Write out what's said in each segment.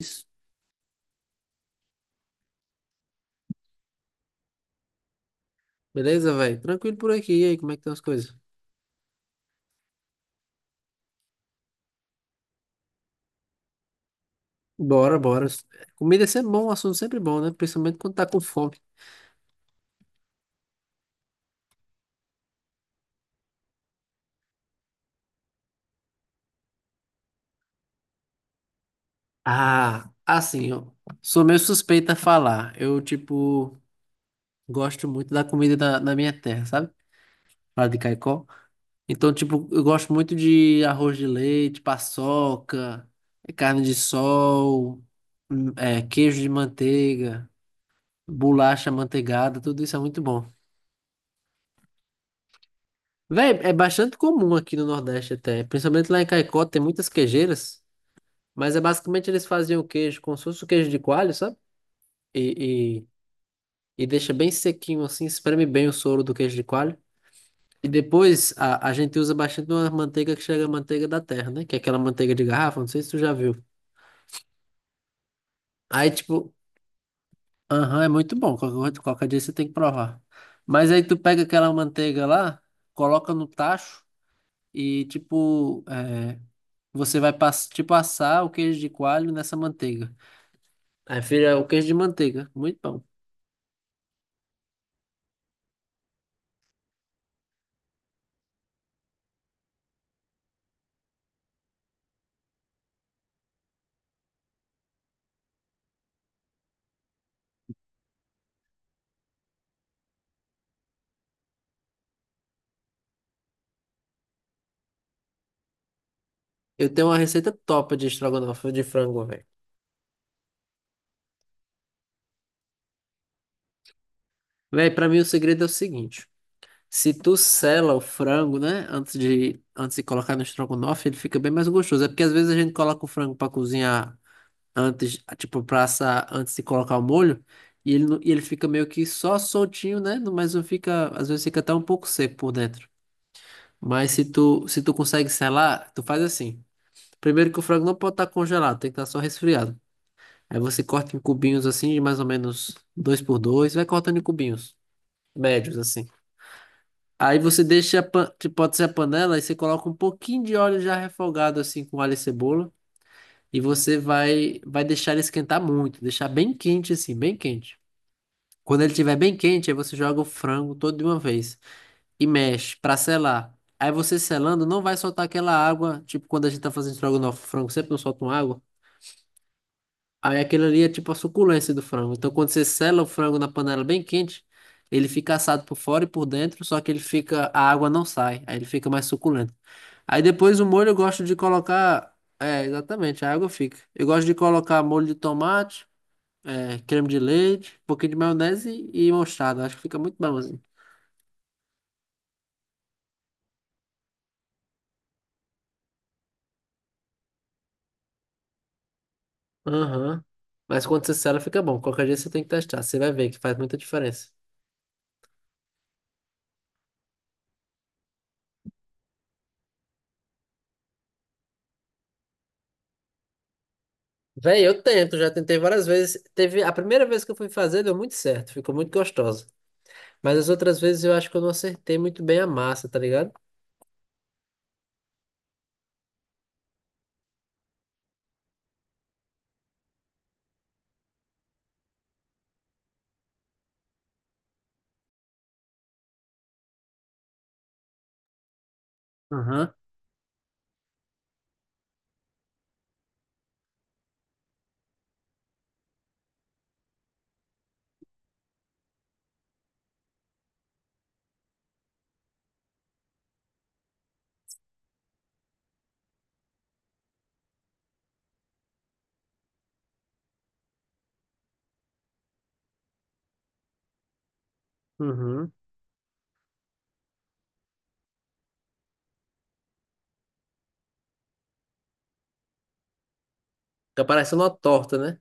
Isso. Beleza, velho? Tranquilo por aqui. E aí, como é que estão as coisas? Bora, bora. Comida é sempre bom, um assunto é sempre bom, né? Principalmente quando tá com fome. Ah, assim, ó. Sou meio suspeito a falar. Eu, tipo, gosto muito da comida da minha terra, sabe? Lá de Caicó. Então, tipo, eu gosto muito de arroz de leite, paçoca, é, carne de sol, é, queijo de manteiga, bolacha manteigada, tudo isso é muito bom. Véi, é bastante comum aqui no Nordeste até, principalmente lá em Caicó tem muitas queijeiras, mas é basicamente eles faziam o queijo como se fosse o queijo de coalho, sabe? E, e, e deixa bem sequinho assim, espreme bem o soro do queijo de coalho. E depois a gente usa bastante uma manteiga que chega a manteiga da terra, né? Que é aquela manteiga de garrafa, não sei se tu já viu. Aí tipo, aham, é muito bom, qualquer, qualquer dia você tem que provar. Mas aí tu pega aquela manteiga lá, coloca no tacho e tipo, é, você vai passar o queijo de coalho nessa manteiga. Aí vira o queijo de manteiga. Muito bom. Eu tenho uma receita top de estrogonofe de frango, velho. Velho, pra mim o segredo é o seguinte. Se tu sela o frango, né, antes de colocar no estrogonofe, ele fica bem mais gostoso. É porque às vezes a gente coloca o frango pra cozinhar antes, tipo, pra assar antes de colocar o molho, e ele, não- e ele fica meio que só soltinho, né, mas não fica, às vezes fica até um pouco seco por dentro. Mas se tu consegue selar, tu faz assim. Primeiro que o frango não pode estar congelado, tem que estar só resfriado. Aí você corta em cubinhos assim, de mais ou menos dois por dois, vai cortando em cubinhos médios assim. Aí você deixa, que pode ser a panela, e você coloca um pouquinho de óleo já refogado assim com alho e cebola, e você vai deixar ele esquentar muito, deixar bem quente assim, bem quente. Quando ele estiver bem quente, aí você joga o frango todo de uma vez e mexe para selar. Aí você selando não vai soltar aquela água, tipo quando a gente tá fazendo estrogonofe, o frango sempre não solta uma água. Aí aquilo ali é tipo a suculência do frango. Então quando você sela o frango na panela bem quente, ele fica assado por fora e por dentro, só que ele fica, a água não sai, aí ele fica mais suculento. Aí depois o molho eu gosto de colocar, é, exatamente, a água fica. Eu gosto de colocar molho de tomate, é, creme de leite, um pouquinho de maionese e mostarda. Acho que fica muito bom assim. Aham. Mas quando você sela fica bom. Qualquer dia você tem que testar, você vai ver que faz muita diferença. Véi, eu tento, já tentei várias vezes. Teve a primeira vez que eu fui fazer, deu muito certo, ficou muito gostosa. Mas as outras vezes eu acho que eu não acertei muito bem a massa, tá ligado? Aham, uhum. Fica parecendo uma torta, né?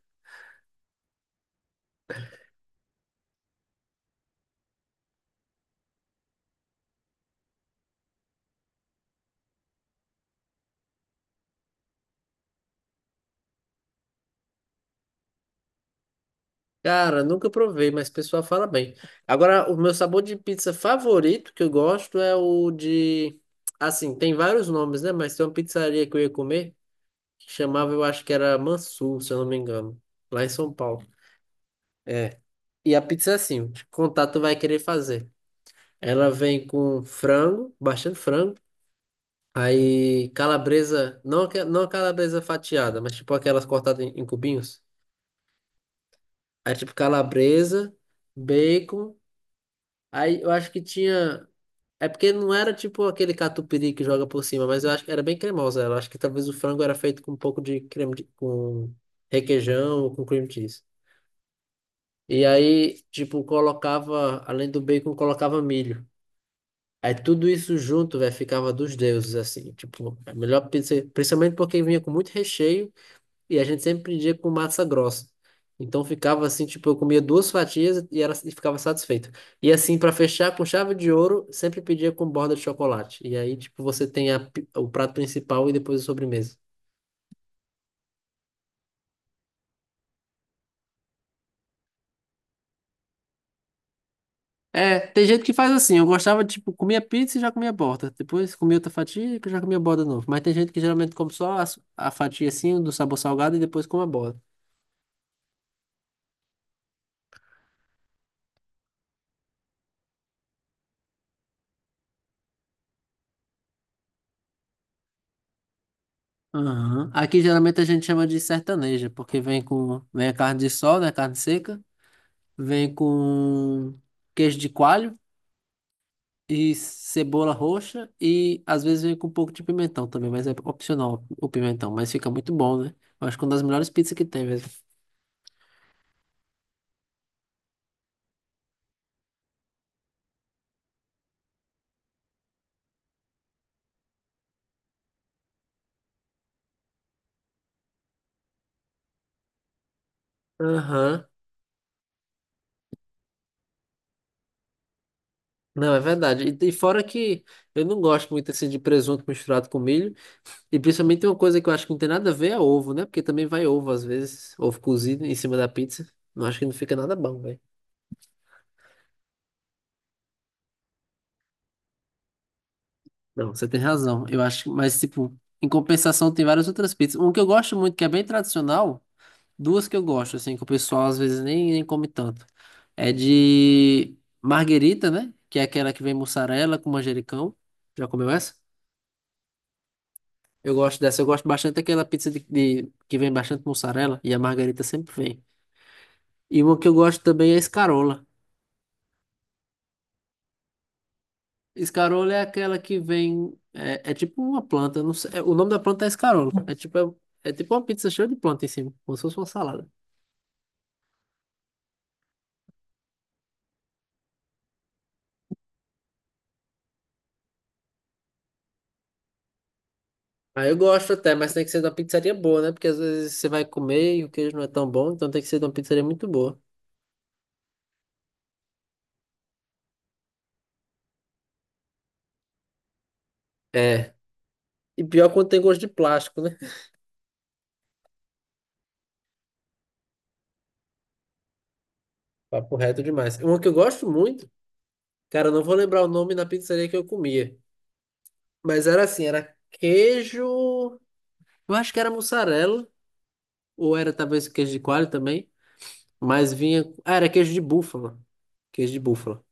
Cara, nunca provei, mas o pessoal fala bem. Agora, o meu sabor de pizza favorito que eu gosto é o de. Assim, tem vários nomes, né? Mas tem uma pizzaria que eu ia comer que chamava, eu acho que era Mansur, se eu não me engano, lá em São Paulo. É. E a pizza é assim, de contato vai querer fazer. Ela vem com frango, bastante frango. Aí calabresa, não, não a calabresa fatiada, mas tipo aquelas cortadas em cubinhos. Aí tipo calabresa, bacon. Aí eu acho que tinha. É porque não era tipo aquele catupiry que joga por cima, mas eu acho que era bem cremosa ela. Eu acho que talvez o frango era feito com um pouco de creme de... com requeijão ou com cream cheese. E aí, tipo, colocava, além do bacon, colocava milho. Aí tudo isso junto, velho, ficava dos deuses, assim. Tipo, a melhor pizza, principalmente porque vinha com muito recheio e a gente sempre pedia com massa grossa. Então ficava assim, tipo, eu comia duas fatias e, era, e ficava satisfeito. E assim, para fechar com chave de ouro, sempre pedia com borda de chocolate. E aí, tipo, você tem o prato principal e depois a sobremesa. É, tem gente que faz assim. Eu gostava, tipo, comia pizza e já comia borda. Depois comia outra fatia e já comia borda de novo. Mas tem gente que geralmente come só a fatia assim, do sabor salgado e depois come a borda. Aham. Aqui geralmente a gente chama de sertaneja, porque vem a carne de sol, né, carne seca, vem com queijo de coalho e cebola roxa e às vezes vem com um pouco de pimentão também, mas é opcional o pimentão, mas fica muito bom, né? Eu acho que é uma das melhores pizzas que tem mesmo. Aham. Não, é verdade. E fora que eu não gosto muito assim de presunto misturado com milho. E principalmente tem uma coisa que eu acho que não tem nada a ver é ovo, né? Porque também vai ovo às vezes, ovo cozido em cima da pizza. Não acho que não fica nada bom, velho. Não, você tem razão. Eu acho que, mas, tipo, em compensação, tem várias outras pizzas. Um que eu gosto muito, que é bem tradicional, duas que eu gosto, assim, que o pessoal às vezes nem come tanto. É de marguerita, né? Que é aquela que vem mussarela com manjericão. Já comeu essa? Eu gosto dessa. Eu gosto bastante daquela pizza que vem bastante mussarela e a marguerita sempre vem. E uma que eu gosto também é a escarola. Escarola é aquela que vem. É, é tipo uma planta. Eu não sei, é, o nome da planta é escarola. É tipo, é, é tipo uma pizza cheia de planta em cima, como se fosse uma salada. Aí eu gosto até, mas tem que ser de uma pizzaria boa, né? Porque às vezes você vai comer e o queijo não é tão bom, então tem que ser de uma pizzaria muito boa. É. E pior quando tem gosto de plástico, né? Papo reto demais. Uma que eu gosto muito, cara, eu não vou lembrar o nome da pizzaria que eu comia. Mas era assim, era queijo. Eu acho que era mussarela, ou era talvez queijo de coalho também. Mas vinha. Ah, era queijo de búfala. Queijo de búfala.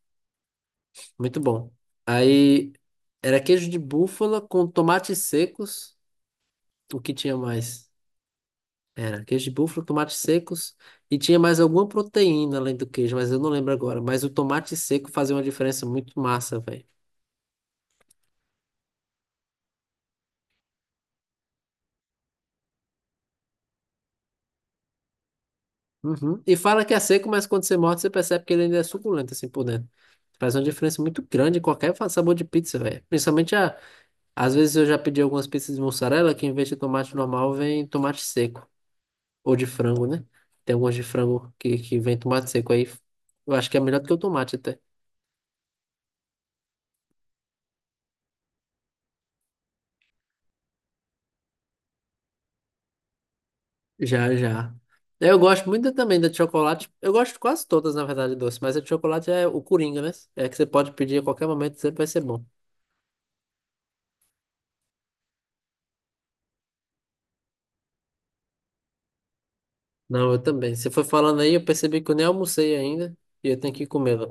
Muito bom. Aí era queijo de búfala com tomates secos. O que tinha mais? Era queijo de búfala, tomates secos. E tinha mais alguma proteína além do queijo, mas eu não lembro agora. Mas o tomate seco fazia uma diferença muito massa, velho. Uhum. E fala que é seco, mas quando você morde, você percebe que ele ainda é suculento assim por dentro. Faz uma diferença muito grande em qualquer sabor de pizza, velho. Principalmente a, às vezes eu já pedi algumas pizzas de mussarela que em vez de tomate normal vem tomate seco. Ou de frango, né? Tem algumas de frango que vem tomate seco aí. Eu acho que é melhor do que o tomate até. Já, já. Eu gosto muito também da de chocolate. Eu gosto de quase todas, na verdade, doce. Mas a de chocolate é o coringa, né? É que você pode pedir a qualquer momento, sempre vai ser bom. Não, eu também. Você foi falando aí, eu percebi que eu nem almocei ainda. E eu tenho que comê-la.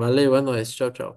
Valeu, é nóis. Tchau, tchau.